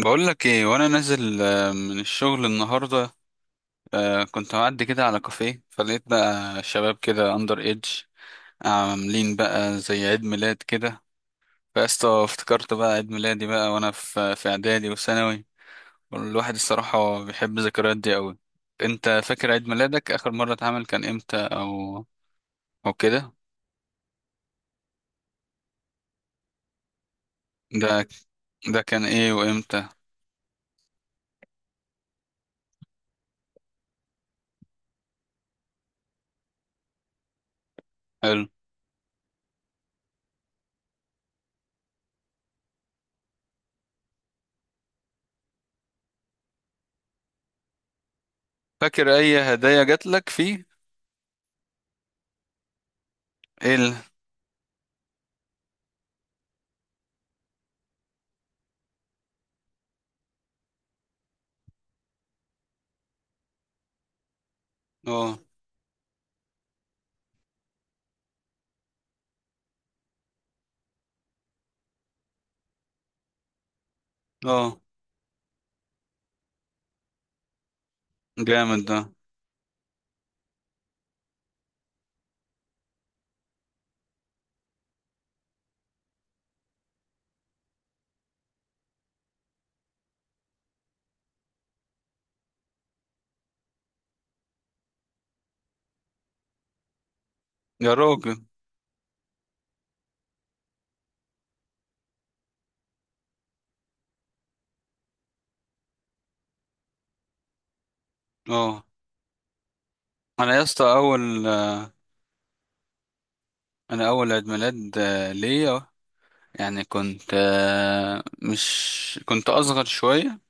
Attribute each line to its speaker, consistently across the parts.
Speaker 1: بقول لك ايه وانا نازل من الشغل النهارده. كنت معدي كده على كافيه، فلقيت بقى شباب كده اندر ايدج عاملين بقى زي عيد ميلاد كده. فاستا افتكرت بقى عيد ميلادي بقى وانا في اعدادي وثانوي. الواحد الصراحه بيحب الذكريات دي قوي. انت فاكر عيد ميلادك اخر مره اتعمل كان امتى او او كده؟ ده ده كان ايه وامتى؟ حلو. فاكر اي هدايا جات لك فيه؟ ايه ال-؟ اه. اه، جامد ده. يا راجل. اه. انا يا اسطى اول، انا اول عيد ميلاد ليا، يعني كنت مش كنت اصغر شويه،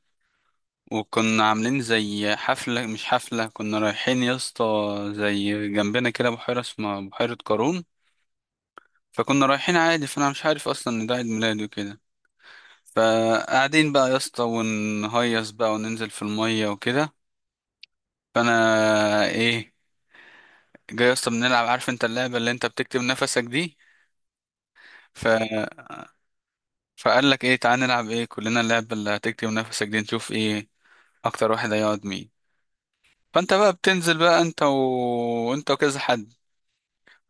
Speaker 1: وكنا عاملين زي حفله، مش حفله، كنا رايحين يا اسطى زي جنبنا كده بحيره اسمها بحيره قارون. فكنا رايحين عادي، فانا مش عارف اصلا ان ده عيد ميلادي وكده. فقاعدين بقى يا اسطى ونهيص بقى وننزل في الميه وكده. فانا آه، ايه جاي يا اسطى بنلعب، عارف انت اللعبه اللي انت بتكتب نفسك دي. ف، فقال لك ايه، تعالى نلعب ايه كلنا، اللعبة اللي هتكتم نفسك دي، نشوف ايه اكتر واحد هيقعد مين. فانت بقى بتنزل بقى انت و... انت وكذا حد.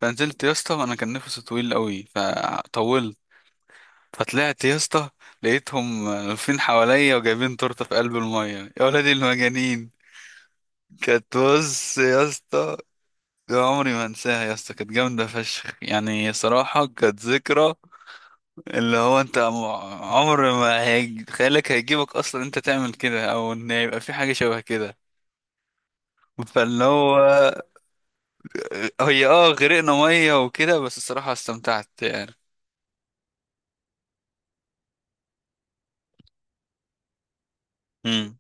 Speaker 1: فنزلت يا اسطى وانا كان نفسي طويل قوي فطولت، فطلعت يا اسطى لقيتهم واقفين حواليا وجايبين تورته في قلب الميه، يا ولادي المجانين. كانت، بص يا اسطى، عمري ما انساها يا اسطى، كانت جامده فشخ، يعني صراحه كانت ذكرى. اللي هو انت عمر ما هيج... خيالك هيجيبك اصلا انت تعمل كده، او ان يبقى في حاجه شبه كده. فاللي هو هي اه، غرقنا ميه وكده، بس الصراحه استمتعت يعني. امم.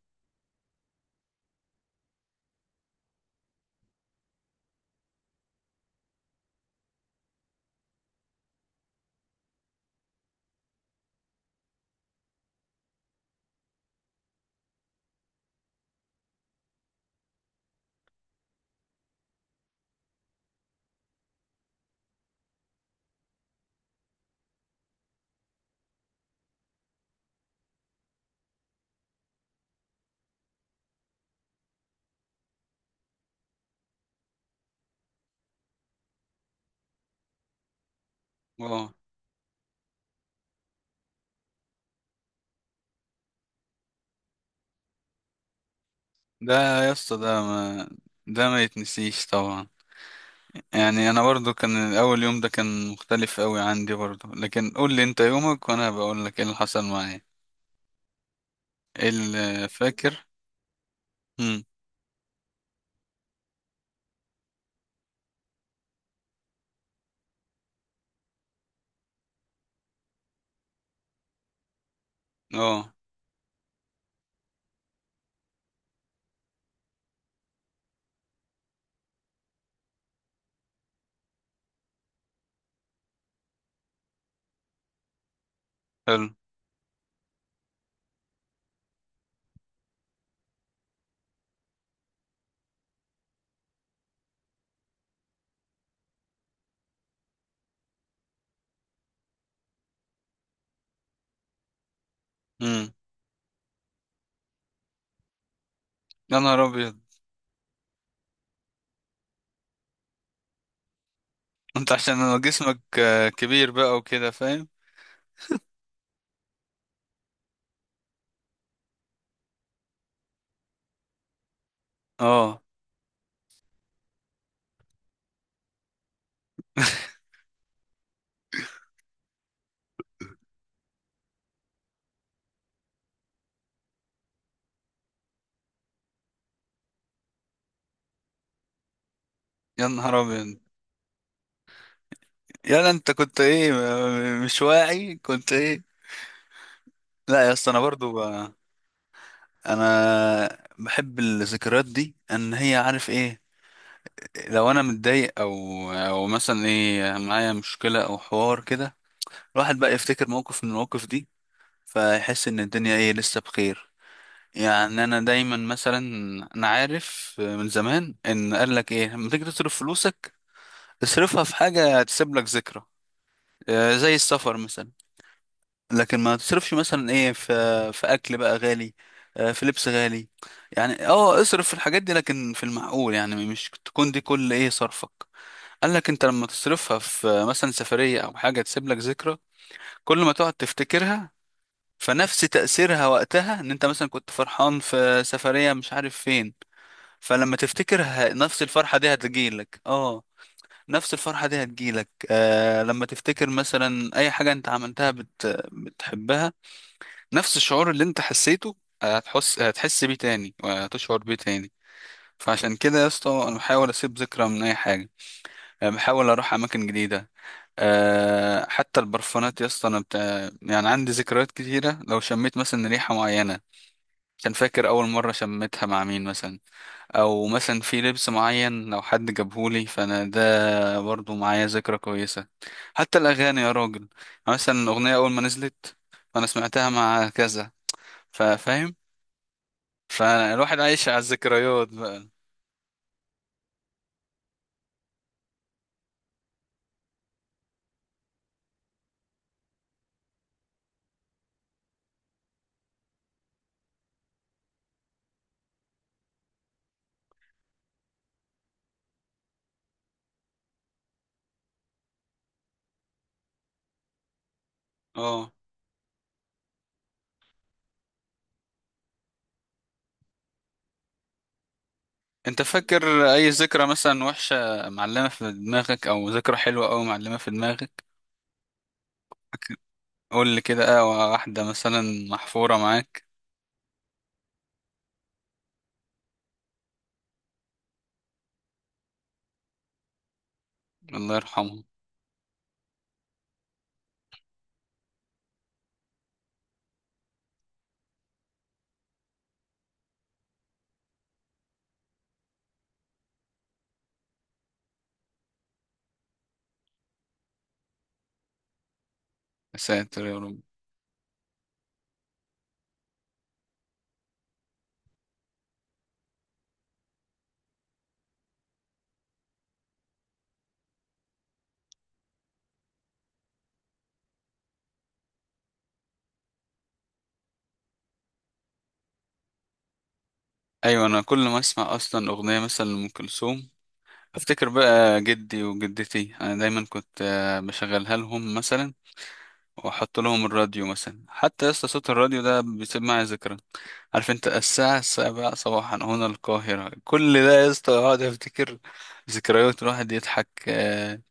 Speaker 1: اه. ده يا اسطى ده ما، ده ما يتنسيش طبعا. يعني انا برضو كان اول يوم ده كان مختلف قوي عندي برضو، لكن قول لي انت يومك وانا بقول لك ايه اللي حصل معايا، ايه اللي فاكر. امم. اه. حلو. امم. يا نهار ابيض. انت عشان انا جسمك كبير بقى وكده، فاهم. اه. يا نهار ابيض. يلا انت كنت ايه، مش واعي كنت ايه. لا يا اسطى انا برضو انا بحب الذكريات دي، ان هي، عارف ايه، لو انا متضايق او او مثلا ايه، معايا مشكلة او حوار كده، الواحد بقى يفتكر موقف من المواقف دي، فيحس ان الدنيا ايه، لسه بخير. يعني انا دايما مثلا انا عارف من زمان ان قال لك ايه، لما تيجي تصرف فلوسك، تصرفها في حاجة هتسيب لك ذكرى، زي السفر مثلا. لكن ما تصرفش مثلا ايه في في اكل بقى غالي، في لبس غالي. يعني اه اصرف في الحاجات دي، لكن في المعقول، يعني مش تكون دي كل ايه صرفك. قال لك انت لما تصرفها في مثلا سفرية او حاجة تسيب لك ذكرى، كل ما تقعد تفتكرها، فنفس تأثيرها وقتها، ان انت مثلا كنت فرحان في سفرية مش عارف فين، فلما تفتكرها نفس الفرحة دي هتجيلك. اه. نفس الفرحة دي هتجيلك آه لما تفتكر مثلا أي حاجة أنت عملتها بت... بتحبها. نفس الشعور اللي أنت حسيته هتحس بيه تاني وهتشعر بيه تاني. فعشان كده يا اسطى أنا بحاول أسيب ذكرى من أي حاجة، بحاول أروح أماكن جديدة. آه حتى البرفانات يا اسطى أنا بت... يعني عندي ذكريات كتيرة، لو شميت مثلا ريحة معينة كان فاكر أول مرة شميتها مع مين مثلا، أو مثلا في لبس معين لو حد جابهولي، فأنا ده برضه معايا ذكرى كويسة. حتى الأغاني يا راجل يعني، مثلا الأغنية أول ما نزلت، فأنا سمعتها مع كذا، فاهم. فالواحد عايش على الذكريات بقى. اه. انت فاكر أي ذكرى مثلا وحشة معلمة في دماغك، أو ذكرى حلوة أوي معلمة في دماغك؟ قول لي كده، اه، واحدة مثلا محفورة معاك. الله يرحمه. يا ساتر يا رب. أيوة، أنا كل ما أسمع أصلا أغنية مثلا لأم كلثوم، افتكر بقى جدي وجدتي. انا دايما كنت بشغلها لهم مثلا، واحط لهم الراديو مثلا. حتى لسه صوت الراديو ده بيسيب معايا ذكرى، عارف انت الساعة السابعة صباحا هنا القاهرة، كل ده يا اسطى اقعد افتكر ذكريات الواحد يضحك.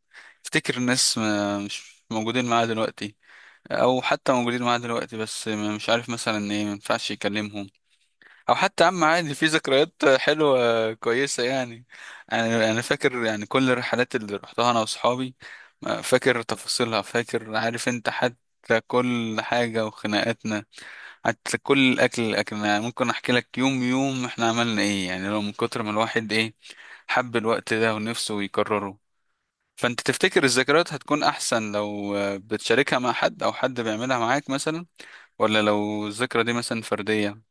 Speaker 1: افتكر ناس مش موجودين معايا دلوقتي، او حتى موجودين معايا دلوقتي بس مش عارف مثلا ايه ما ينفعش يكلمهم. او حتى عم عادي، في ذكريات حلوه كويسه يعني. انا فاكر يعني كل الرحلات اللي رحتها انا واصحابي، فاكر تفاصيلها، فاكر عارف انت حتى كل حاجه وخناقاتنا، حتى كل الاكل اللي اكلناه، ممكن احكي لك يوم يوم احنا عملنا ايه، يعني لو من كتر ما الواحد ايه، حب الوقت ده ونفسه يكرره. فانت تفتكر الذكريات هتكون احسن لو بتشاركها مع حد او حد بيعملها معاك مثلا، ولا لو الذكرى دي مثلا فرديه؟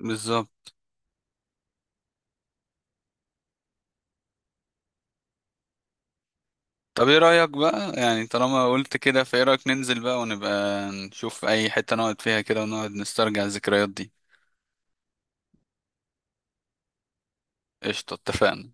Speaker 1: بالظبط. طب ايه رأيك بقى، يعني طالما قلت كده، فايه رأيك ننزل بقى ونبقى نشوف اي حتة نقعد فيها كده ونقعد نسترجع الذكريات دي؟ قشطة، اتفقنا.